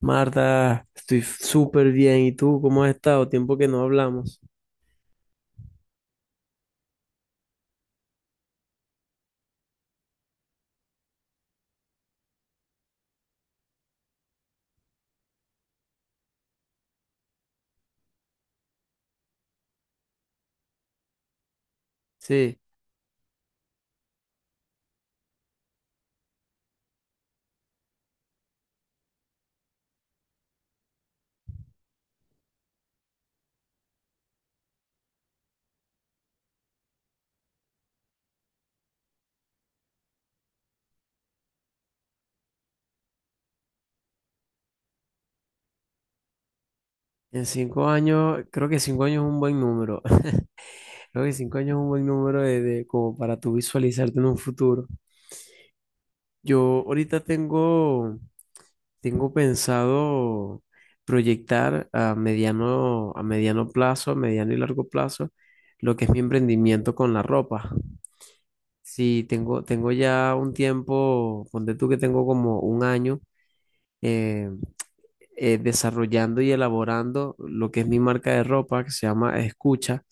Marta, estoy súper bien. ¿Y tú cómo has estado? Tiempo que no hablamos. Sí, en 5 años, creo que 5 años es un buen número. Creo que 5 años es un buen número como para tú visualizarte en un futuro. Yo ahorita tengo pensado proyectar a mediano plazo, a mediano y largo plazo, lo que es mi emprendimiento con la ropa. Sí, tengo ya un tiempo, ponte tú que tengo como un año eh, desarrollando y elaborando lo que es mi marca de ropa que se llama Escucha.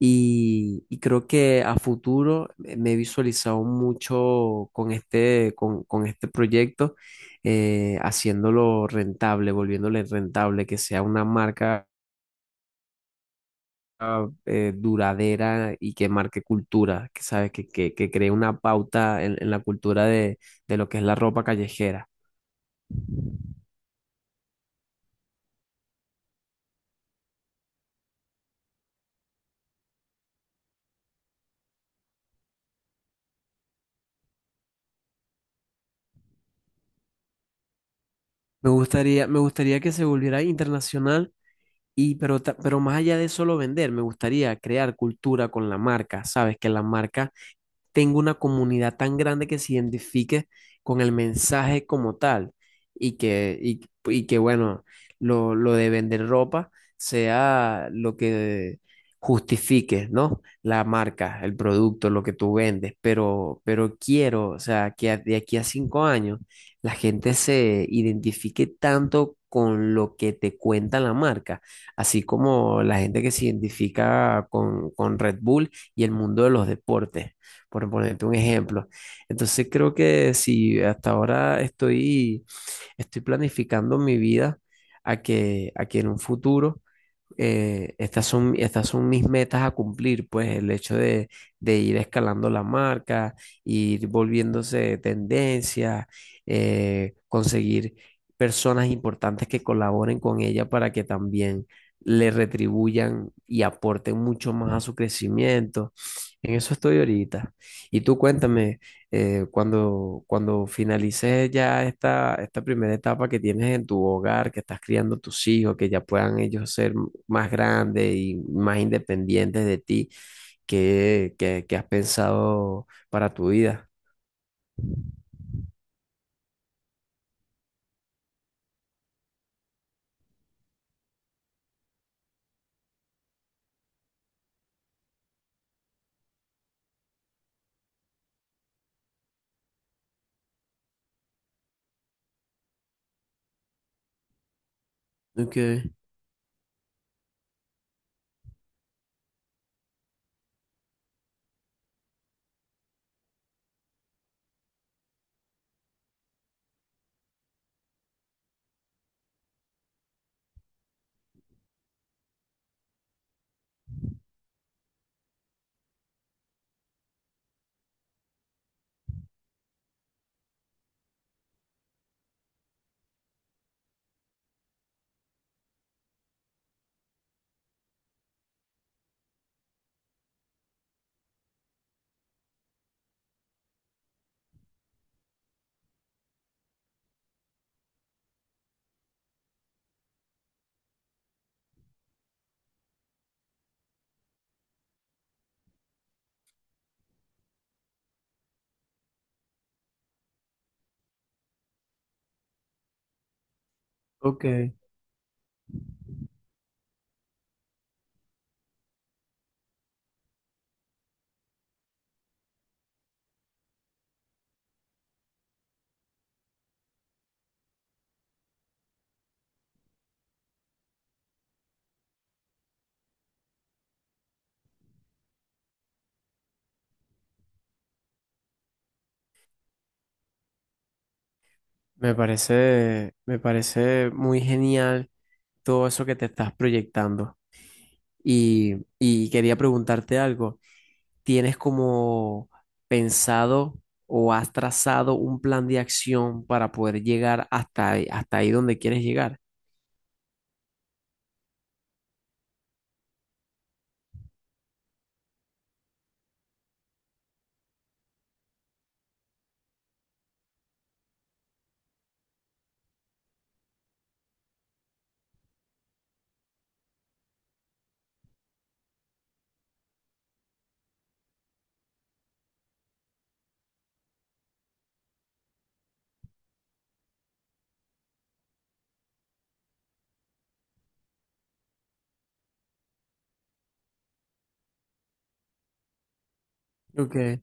Y creo que a futuro me he visualizado mucho con este proyecto, haciéndolo rentable, volviéndole rentable, que sea una marca duradera y que marque cultura, que sabes, que cree una pauta en la cultura de lo que es la ropa callejera. Me gustaría que se volviera internacional. Y pero, pero más allá de solo vender, me gustaría crear cultura con la marca. Sabes que la marca tenga una comunidad tan grande que se identifique con el mensaje como tal y que, y, y que bueno, lo de vender ropa sea lo que justifique, ¿no? La marca, el producto, lo que tú vendes, pero quiero, o sea, que de aquí a 5 años la gente se identifique tanto con lo que te cuenta la marca, así como la gente que se identifica con Red Bull y el mundo de los deportes por ponerte un ejemplo. Entonces creo que si hasta ahora estoy planificando mi vida a que en un futuro estas son mis metas a cumplir, pues el hecho de ir escalando la marca, ir volviéndose tendencia, conseguir personas importantes que colaboren con ella para que también le retribuyan y aporten mucho más a su crecimiento. En eso estoy ahorita. Y tú cuéntame, cuando finalices ya esta primera etapa que tienes en tu hogar, que estás criando tus hijos, que ya puedan ellos ser más grandes y más independientes de ti, que qué has pensado para tu vida? Okay. Okay. Me parece muy genial todo eso que te estás proyectando. Y quería preguntarte algo. ¿Tienes como pensado o has trazado un plan de acción para poder llegar hasta ahí donde quieres llegar? Okay.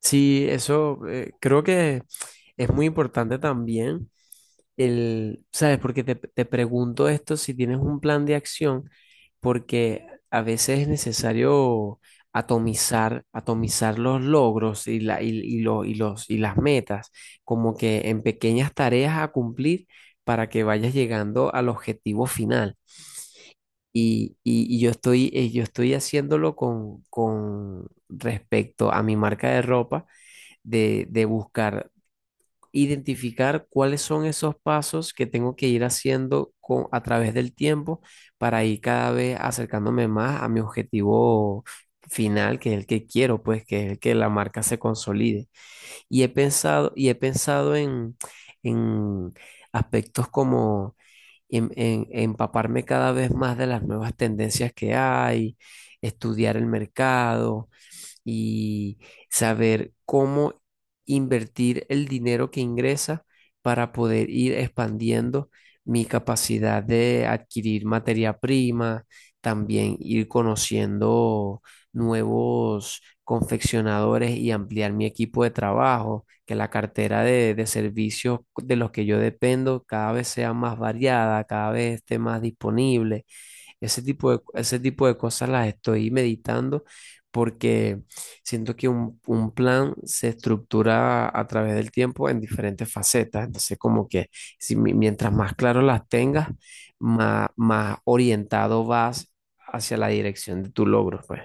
Sí, eso, creo que es muy importante también el, ¿sabes? Porque te pregunto esto si tienes un plan de acción, porque a veces es necesario atomizar los logros y, la, y lo- y los, y las metas, como que en pequeñas tareas a cumplir para que vayas llegando al objetivo final. Yo estoy haciéndolo con respecto a mi marca de ropa, de buscar identificar cuáles son esos pasos que tengo que ir haciendo a través del tiempo para ir cada vez acercándome más a mi objetivo final, que es el que quiero, pues, que es el que la marca se consolide. Y he pensado en aspectos como empaparme cada vez más de las nuevas tendencias que hay, estudiar el mercado y saber cómo invertir el dinero que ingresa para poder ir expandiendo mi capacidad de adquirir materia prima, también ir conociendo nuevos confeccionadores y ampliar mi equipo de trabajo que la cartera de servicios de los que yo dependo cada vez sea más variada, cada vez esté más disponible. Ese tipo de cosas las estoy meditando porque siento que un plan se estructura a través del tiempo en diferentes facetas. Entonces, como que si, mientras más claro las tengas, más orientado vas hacia la dirección de tu logro, pues.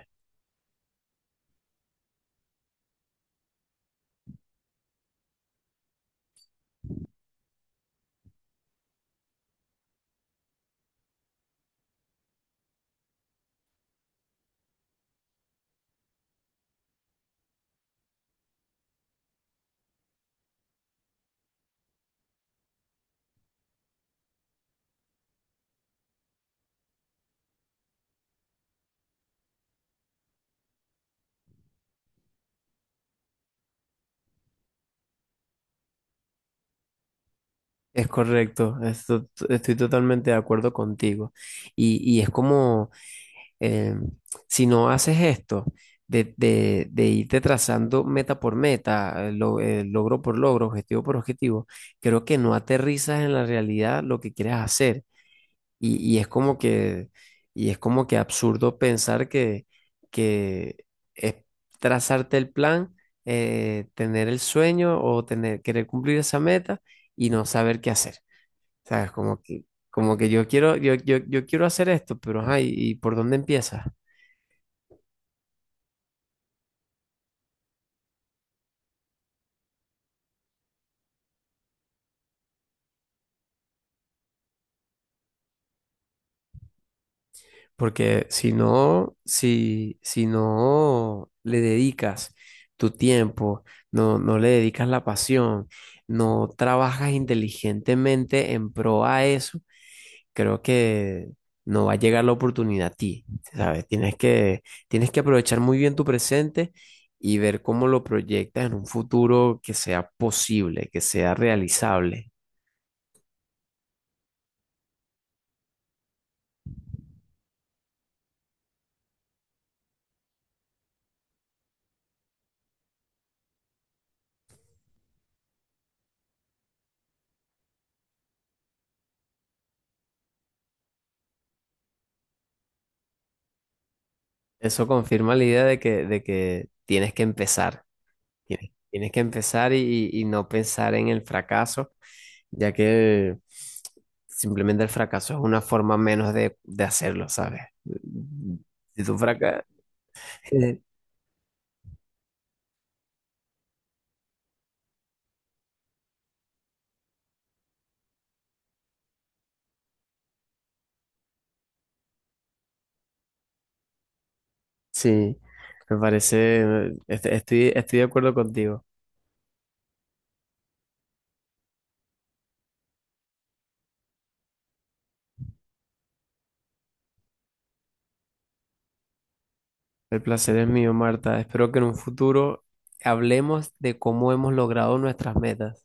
Es correcto, estoy totalmente de acuerdo contigo. Y es como, eh, si no haces esto, de irte trazando meta por meta, logro por logro, objetivo por objetivo, creo que no aterrizas en la realidad lo que quieres hacer. Y, y es como que, y es como que absurdo pensar que es trazarte el plan, tener el sueño o tener, querer cumplir esa meta y no saber qué hacer. ¿Sabes? Como que yo quiero hacer esto, pero ajá, ¿y por dónde empiezas? Porque si no, si no le dedicas tu tiempo, no le dedicas la pasión, no trabajas inteligentemente en pro a eso, creo que no va a llegar la oportunidad a ti, ¿sabes? Tienes que, tienes, que aprovechar muy bien tu presente y ver cómo lo proyectas en un futuro que sea posible, que sea realizable. Eso confirma la idea de que tienes que empezar, tienes que empezar y no pensar en el fracaso, ya que simplemente el fracaso es una forma menos de hacerlo, ¿sabes? Si tú fracasas. Sí, me parece, estoy de acuerdo contigo. El placer es mío, Marta. Espero que en un futuro hablemos de cómo hemos logrado nuestras metas.